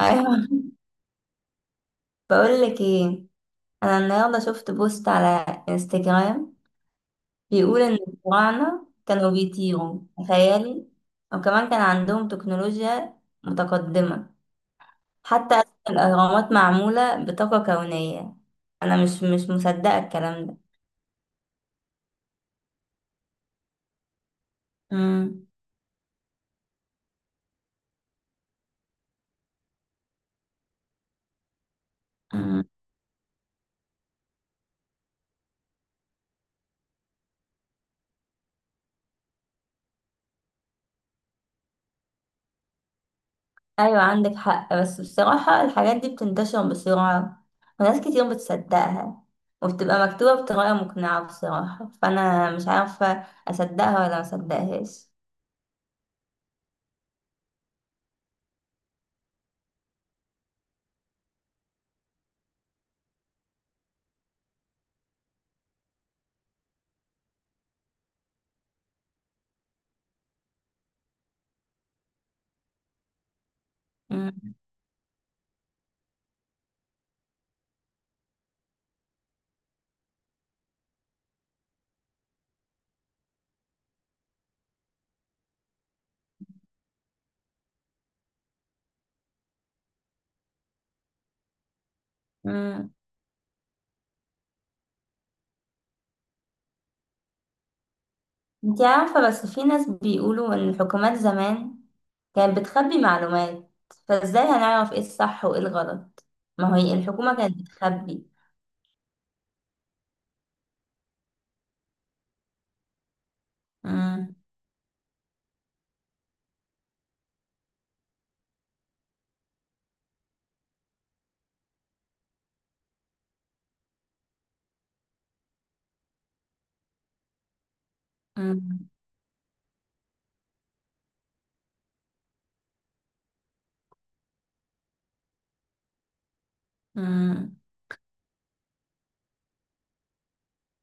ايوه، بقول لك ايه. انا النهارده شفت بوست على انستجرام بيقول ان الفراعنه كانوا بيطيروا، تخيلي. وكمان كان عندهم تكنولوجيا متقدمه. حتى أساس الاهرامات معموله بطاقه كونيه. انا مش مصدقه الكلام ده. امم. ايوه، عندك حق، بس بصراحة الحاجات دي بتنتشر بسرعة وناس كتير بتصدقها وبتبقى مكتوبة بطريقة مقنعة، بصراحة فأنا مش عارفة أصدقها ولا مصدقهاش. مم. مم. انتي عارفة، بس في ناس بيقولوا إن الحكومات زمان كانت بتخبي معلومات، فازاي هنعرف ايه الصح وايه الغلط؟ ما هي الحكومة كانت بتخبي. مم. مم. مم.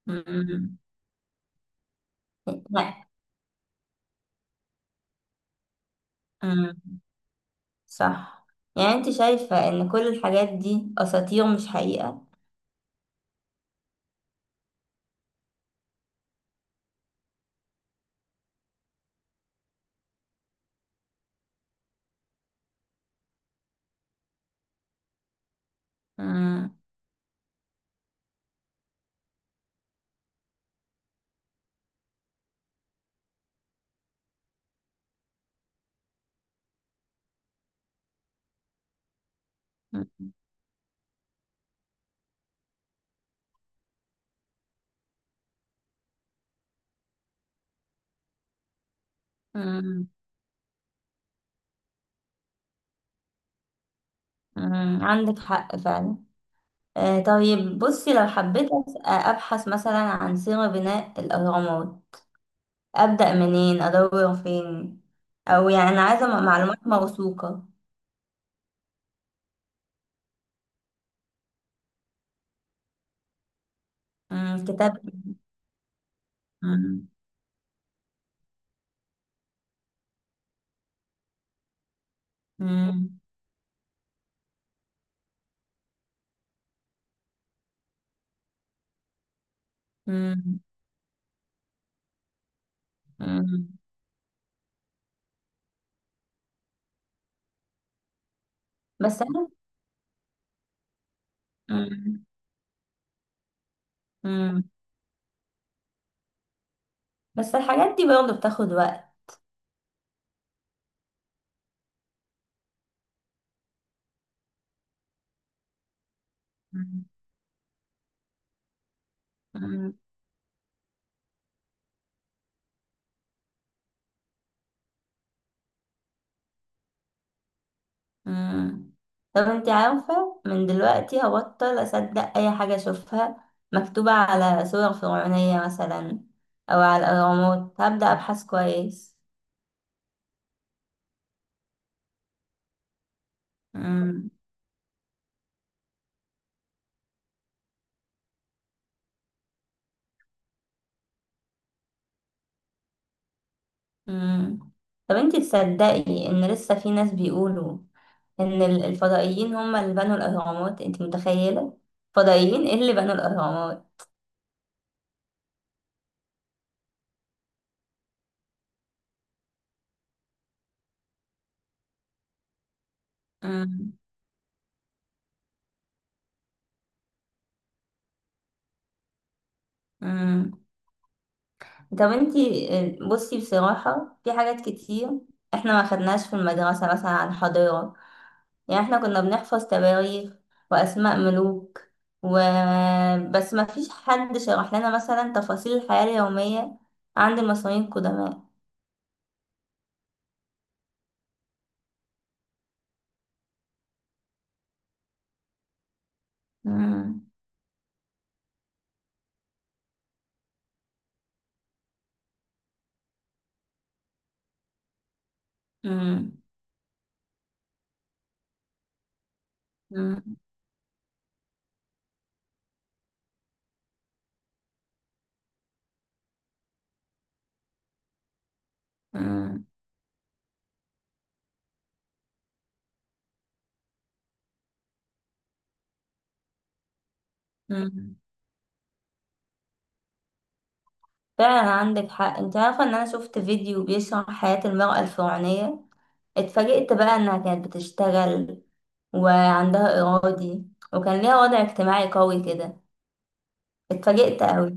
مم. لا. صح. يعني انت شايفة ان كل الحاجات دي اساطير مش حقيقة؟ مم. مم. مم. مم. عندك حق فعلا. آه طيب، بصي لو حبيت ابحث مثلا عن سيرة بناء الاهرامات، ابدأ منين؟ ادور فين؟ او يعني انا عايزة معلومات موثوقة. مم. كتاب. مم. مم. مم. مم. بس انا. مم. مم. بس الحاجات دي برضه بتاخد وقت. مم. مم. طب انت عارفة، من دلوقتي هبطل أصدق أي حاجة أشوفها مكتوبة على صور فرعونية مثلا، أو على الأهرامات. هبدأ أبحث كويس. مم. مم. طب انت تصدقي إن لسه في ناس بيقولوا إن الفضائيين هم اللي بنوا الأهرامات؟ انت متخيلة؟ فضائيين ايه اللي بنوا الأهرامات؟ مم. مم. طب انت، بصي بصراحة في حاجات كتير احنا ما خدناش في المدرسة مثلا عن حضارة. يعني احنا كنا بنحفظ تواريخ وأسماء ملوك و... بس ما فيش حد شرح لنا مثلا تفاصيل الحياة اليومية عند المصريين القدماء. مم. مم. مم. مم. مم. فعلا عندك حق. انت عارفة ان انا شفت فيديو بيشرح حياة المرأة الفرعونية، اتفاجئت بقى انها كانت بتشتغل وعندها إرادي وكان ليها وضع اجتماعي قوي كده. اتفاجئت قوي.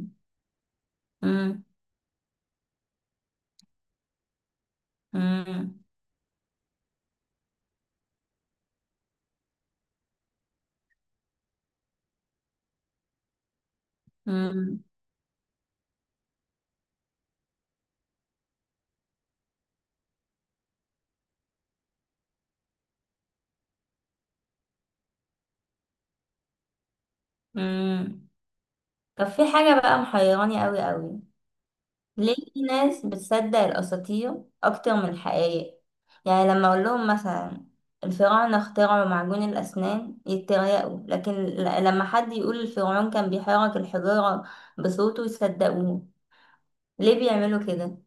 مم. مم. مم. مم. طب في حاجة بقى محيراني قوي قوي. ليه في ناس بتصدق الأساطير أكتر من الحقائق؟ يعني لما أقول لهم مثلا الفراعنة اخترعوا معجون الأسنان يتريقوا، لكن لما حد يقول الفرعون كان بيحرك الحجارة بصوته يصدقوه. ليه بيعملوا كده؟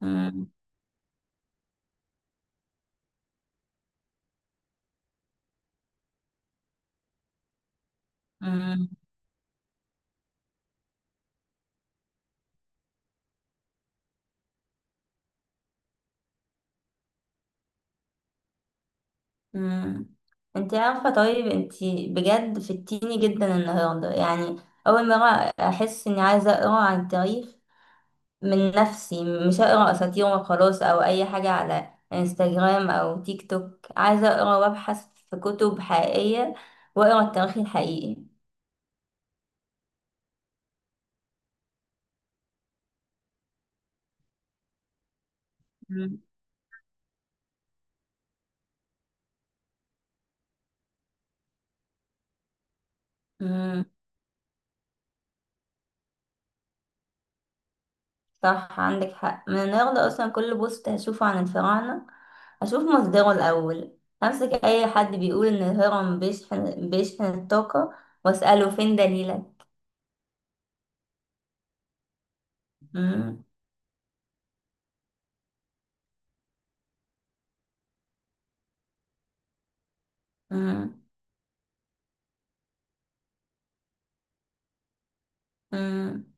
مم. مم. مم. انت عارفة، طيب انت بجد فتيني جدا النهاردة. يعني أول مرة أحس إني عايزة أقرأ عن التاريخ من نفسي. مش هقرا اساطير وخلاص او اي حاجه على انستجرام او تيك توك. عايزه اقرا وابحث في كتب حقيقيه واقرا التاريخ الحقيقي. مم. امم. صح، عندك حق. من النهارده اصلا كل بوست هشوفه عن الفراعنه اشوف مصدره الاول. امسك اي حد بيقول ان الهرم بيشحن الطاقه واساله فين دليلك. امم. امم.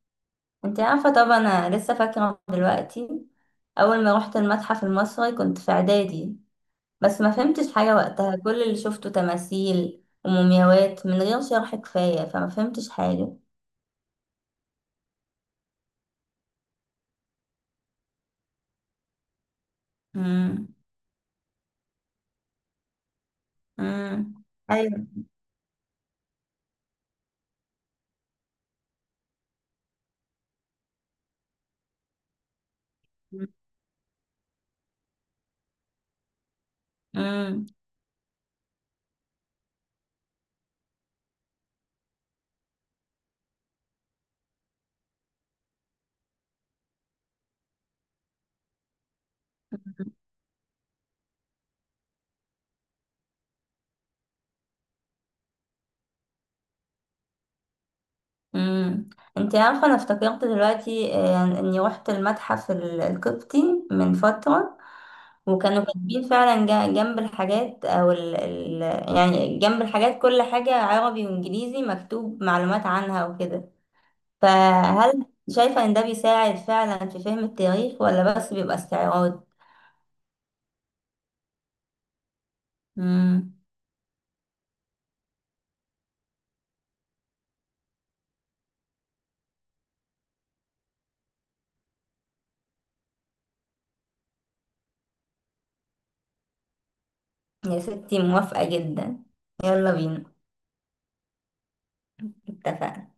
انت عارفة طبعا، انا لسه فاكرة دلوقتي اول ما روحت المتحف المصري كنت في اعدادي، بس ما فهمتش حاجة وقتها. كل اللي شفته تماثيل ومومياوات من غير شرح كفاية، فما فهمتش حاجة. امم. امم. ايوه. امم. امم. انت عارفه، انا افتكرت دلوقتي يعني اني روحت المتحف القبطي من فتره. وكانوا كاتبين فعلا جنب الحاجات او ال يعني جنب الحاجات كل حاجه عربي وانجليزي مكتوب معلومات عنها وكده. فهل شايفه ان ده بيساعد فعلا في فهم التاريخ ولا بس بيبقى استعراض؟ امم. يا ستي موافقه جدا. يلا بينا. اتفقنا.